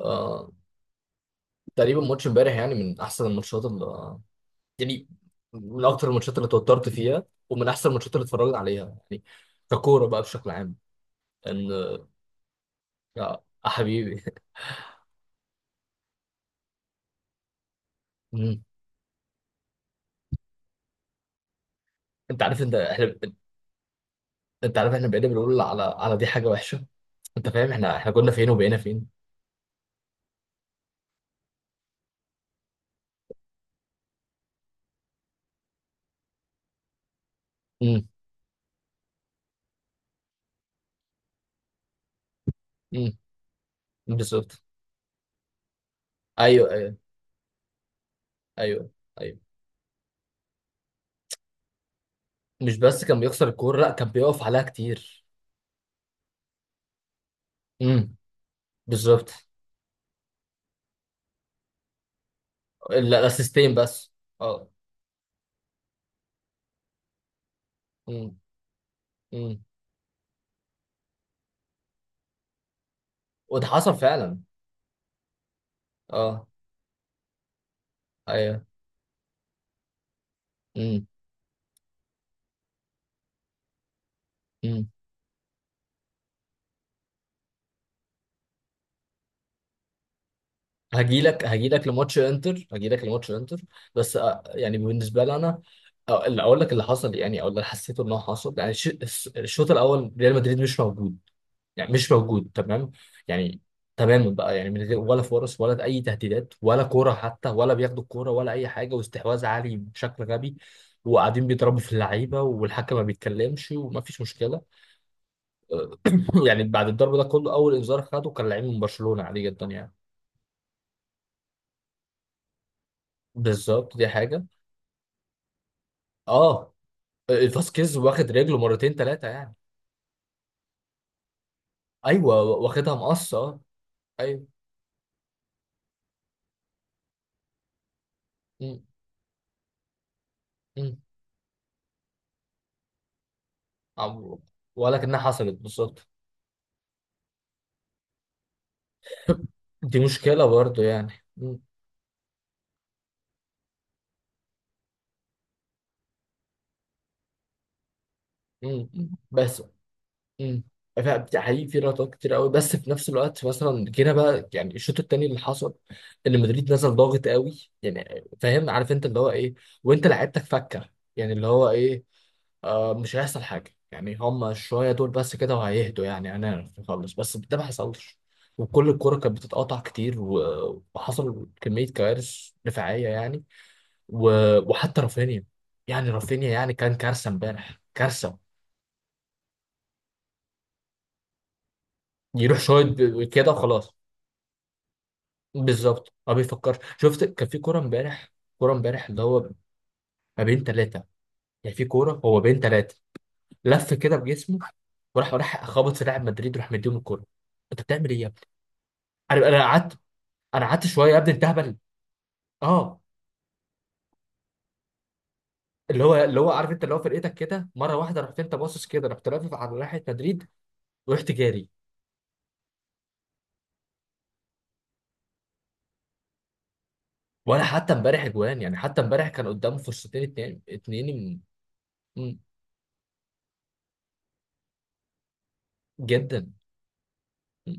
آه تقريبا ماتش امبارح، يعني من احسن الماتشات اللي، يعني، من اكتر الماتشات اللي توترت فيها، ومن احسن الماتشات اللي اتفرجت عليها يعني ككوره بقى بشكل عام. ان يا حبيبي. مم. انت عارف انت احنا انت عارف احنا بقينا بنقول على دي حاجه وحشه. انت فاهم احنا كنا فين وبقينا فين. امم. امم. بالظبط. ايوه، ايوه، ايوه، ايوه. مش بس كان بيخسر الكوره، لا، كان بيقف عليها كتير. امم. بالظبط. الاسيستين بس. اه. امم. امم. وده حصل فعلا. اه. ايوه. امم. امم. هجيلك لماتش انتر، هجيلك لماتش انتر. بس يعني بالنسبه لي انا، اللي اقول لك اللي حصل يعني، او اللي حسيته انه حصل يعني الشوط الاول ريال مدريد مش موجود. يعني مش موجود تمام. يعني، تماما بقى، يعني من غير ولا فرص ولا اي تهديدات ولا كوره حتى، ولا بياخدوا الكوره، ولا اي حاجه، واستحواذ عالي بشكل غبي. وقاعدين بيضربوا في اللعيبه والحكم ما بيتكلمش ومفيش مشكله. يعني بعد الضرب ده كله، اول انذار خده كان لعيب من برشلونة، عادي جدا يعني. بالظبط. دي حاجة. اه. فاسكيز واخد رجله مرتين ثلاثة يعني. ايوه، واخدها مقص. اه. ايوه. مم. مم. عم- ولا كأنها حصلت بالظبط. دي مشكلة برضه يعني. مم. مم. بس. مم. حقيقي في لقطات كتير قوي، بس في نفس الوقت مثلا جينا بقى يعني الشوط التاني اللي حصل، ان مدريد نزل ضاغط قوي يعني. فاهم، عارف انت اللي هو ايه. وانت لعيبتك فكه، يعني اللي هو ايه. آه، مش هيحصل حاجه يعني، هم شويه دول بس كده وهيهدوا يعني هنعرف نخلص، بس ده ما حصلش. وكل الكرة كانت بتتقطع كتير، و- وحصل كمية كوارث دفاعية يعني. و- وحتى رافينيا، يعني رافينيا يعني كان كارثة امبارح، كارثة. يروح شوية كده وخلاص. بالظبط ما بيفكرش. شفت كان في كوره امبارح، كوره امبارح اللي هو ما بين ثلاثه، يعني في كوره هو بين ثلاثه. لف كده بجسمه، وراح، وراح خبط في لاعب مدريد وراح مديهم الكوره. انت بتعمل ايه يا ابني؟ انا قعدت، انا قعدت شويه. يا ابني انت هبل. اه. اللي هو عارف انت، اللي هو فرقتك كده مره واحده، رحت انت باصص كده، رحت لافف على ناحيه مدريد. ورحت جاري. ولا حتى امبارح اجوان، يعني حتى امبارح كان قدامه فرصتين، اتنين اتنين. م- م- جدا. م-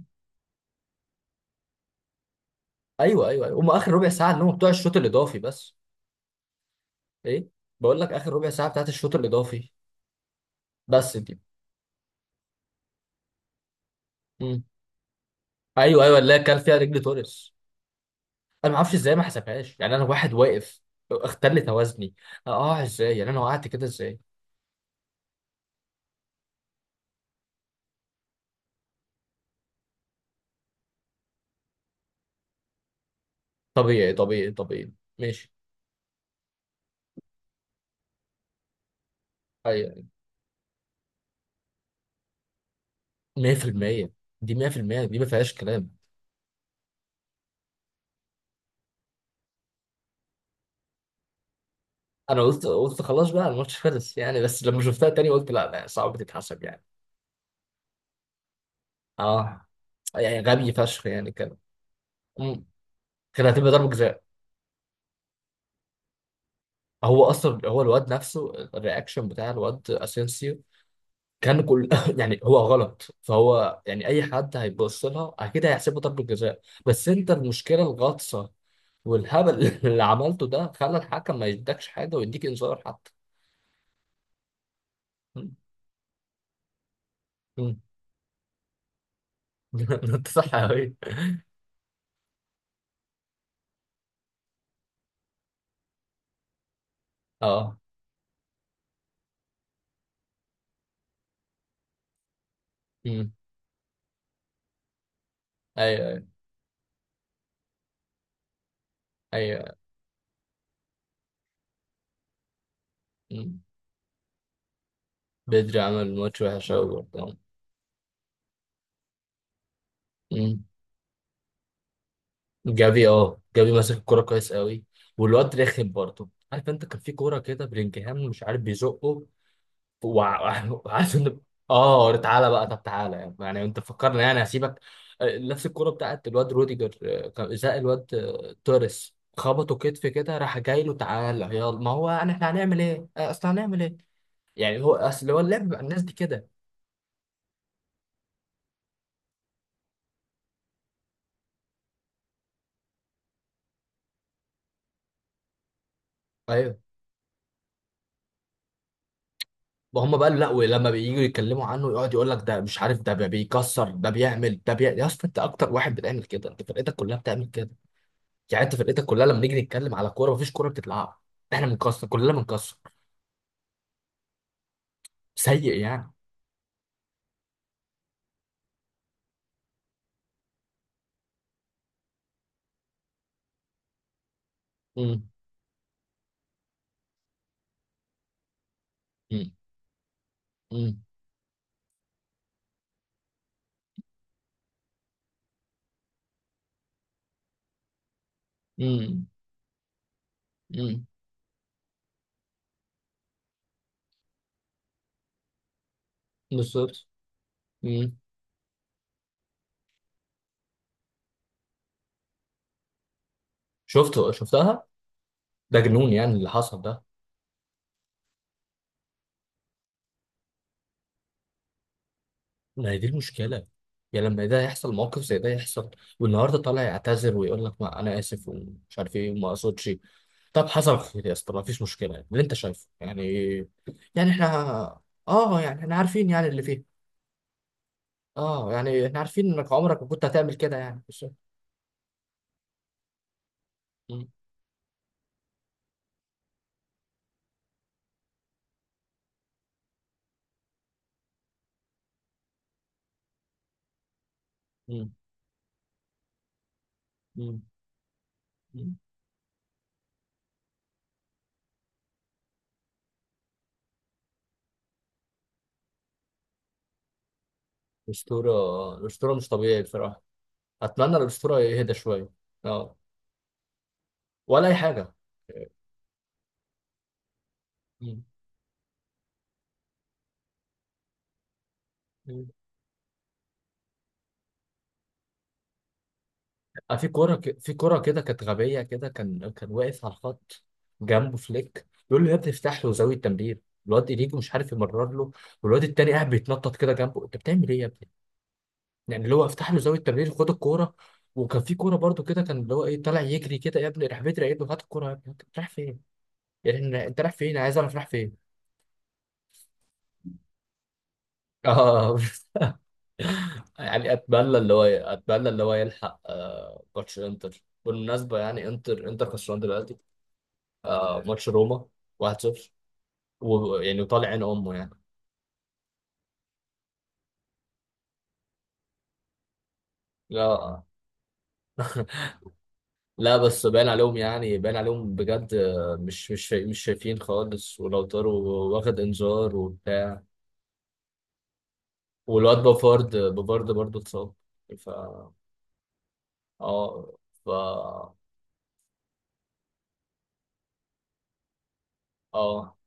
ايوه، ايوه، ايوه. هم اخر ربع ساعه اللي هم بتوع الشوط الاضافي بس. ايه؟ بقول لك اخر ربع ساعه بتاعت الشوط الاضافي بس. دي مم. ايوه، ايوه، اللي هي كان فيها رجل توريس. انا ما اعرفش ازاي ما حسبهاش يعني، انا واحد واقف، اختل توازني. اه ازاي، يعني انا وقعت كده ازاي؟ طبيعي، طبيعي، طبيعي. ماشي. ايوه. 100%. دي 100%، دي ما فيهاش كلام. انا قلت، قلت خلاص بقى الماتش خلص يعني، بس لما شفتها تاني قلت لا لا، صعب تتحسب يعني. اه. يعني غبي فشخ يعني كان. مم. كان هتبقى ضربة جزاء. هو اصلا هو الواد نفسه، الرياكشن بتاع الواد اسينسيو كان كل يعني هو غلط فهو، يعني اي حد هيبص لها اكيد هيحسبه ضربة جزاء. بس انت المشكله الغطسه والهبل اللي عملته ده، خلى الحكم ما يدكش حاجه ويديك انذار حتى. مم. مم. انت صح قوي. اه. مم. ايوه، ايوه، ايوه. مم. بدري عمل ماتش وحش قوي برضه. مم. جافي، اه، جافي ماسك الكوره كويس قوي. والواد رخم برضه، عارف انت كان في كوره كده بلينجهام مش عارف بيزقه. وعارف ان اه، تعالى بقى. طب تعالى يعني، انت فكرنا يعني هسيبك. نفس الكوره بتاعت الواد روديجر، كان ازاء الواد، توريس خبطه كتف كده، راح جاي له تعالى يلا. ما هو انا احنا هنعمل ايه، اصل هنعمل ايه. يعني هو، اصل هو اللعب بقى الناس دي كده. ايوه. وهم بقى، لا، ولما بييجوا يتكلموا عنه يقعد يقول لك ده مش عارف، ده بيكسر، ده بيعمل، ده بيعمل. يا اسطى انت اكتر واحد بتعمل كده، انت فرقتك كلها بتعمل كده. يعني انت فرقتك كلها لما نيجي نتكلم على كوره، مفيش كوره بتتلعب. احنا بنكسر، كلنا بنكسر. سيء يعني. مم. مم. مم. مم. مم. بالظبط. مم. شفته، شفتها. ده جنون يعني اللي حصل ده. ما هي دي المشكلة، يعني لما ده يحصل، موقف زي ده يحصل، والنهارده طالع يعتذر ويقول لك ما انا اسف، ومش عارف ايه، وما اقصدش. طب حصل خير يا اسطى، ما فيش مشكلة يعني. اللي انت شايفه يعني. يعني احنا، اه يعني احنا عارفين يعني اللي فيه. اه يعني احنا عارفين انك عمرك ما كنت هتعمل كده يعني، بس. مم. مم. مم. مم. الأسطورة. الأسطورة مش طبيعي بصراحة. اتمنى الاسطوره يهدى شويه. اه. ولا اي حاجه. مم. مم. في كوره في كوره كده كانت غبيه كده، كان واقف على الخط، جنبه فليك بيقول له يا ابني افتح له زاويه تمرير، الواد انيجو مش عارف يمرر له، والواد التاني قاعد بيتنطط كده جنبه. انت بتعمل ايه يا ابني؟ يعني اللي هو افتح له زاويه تمرير، خد الكوره. وكان في كوره برضو كده كان اللي هو ايه طالع يجري كده يا ابني، راح بدري قايل له هات الكوره يا ابني انت رايح فين؟ يعني انت رايح فين؟ عايز اعرف رايح فين؟ اه يعني اتمنى اللي هو، اتمنى اللي هو يلحق ماتش انتر بالمناسبه يعني. انتر، انتر خسران دلوقتي. ماتش روما 1-0. ويعني وطالع عين امه يعني. لا، لا، بس باين عليهم يعني، باين عليهم بجد. مش شايفين خالص، ولو طاروا. واخد انذار وبتاع. والواد بافارد، بافارد برضه اتصاب. ف اه ف اه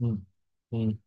مم. مم.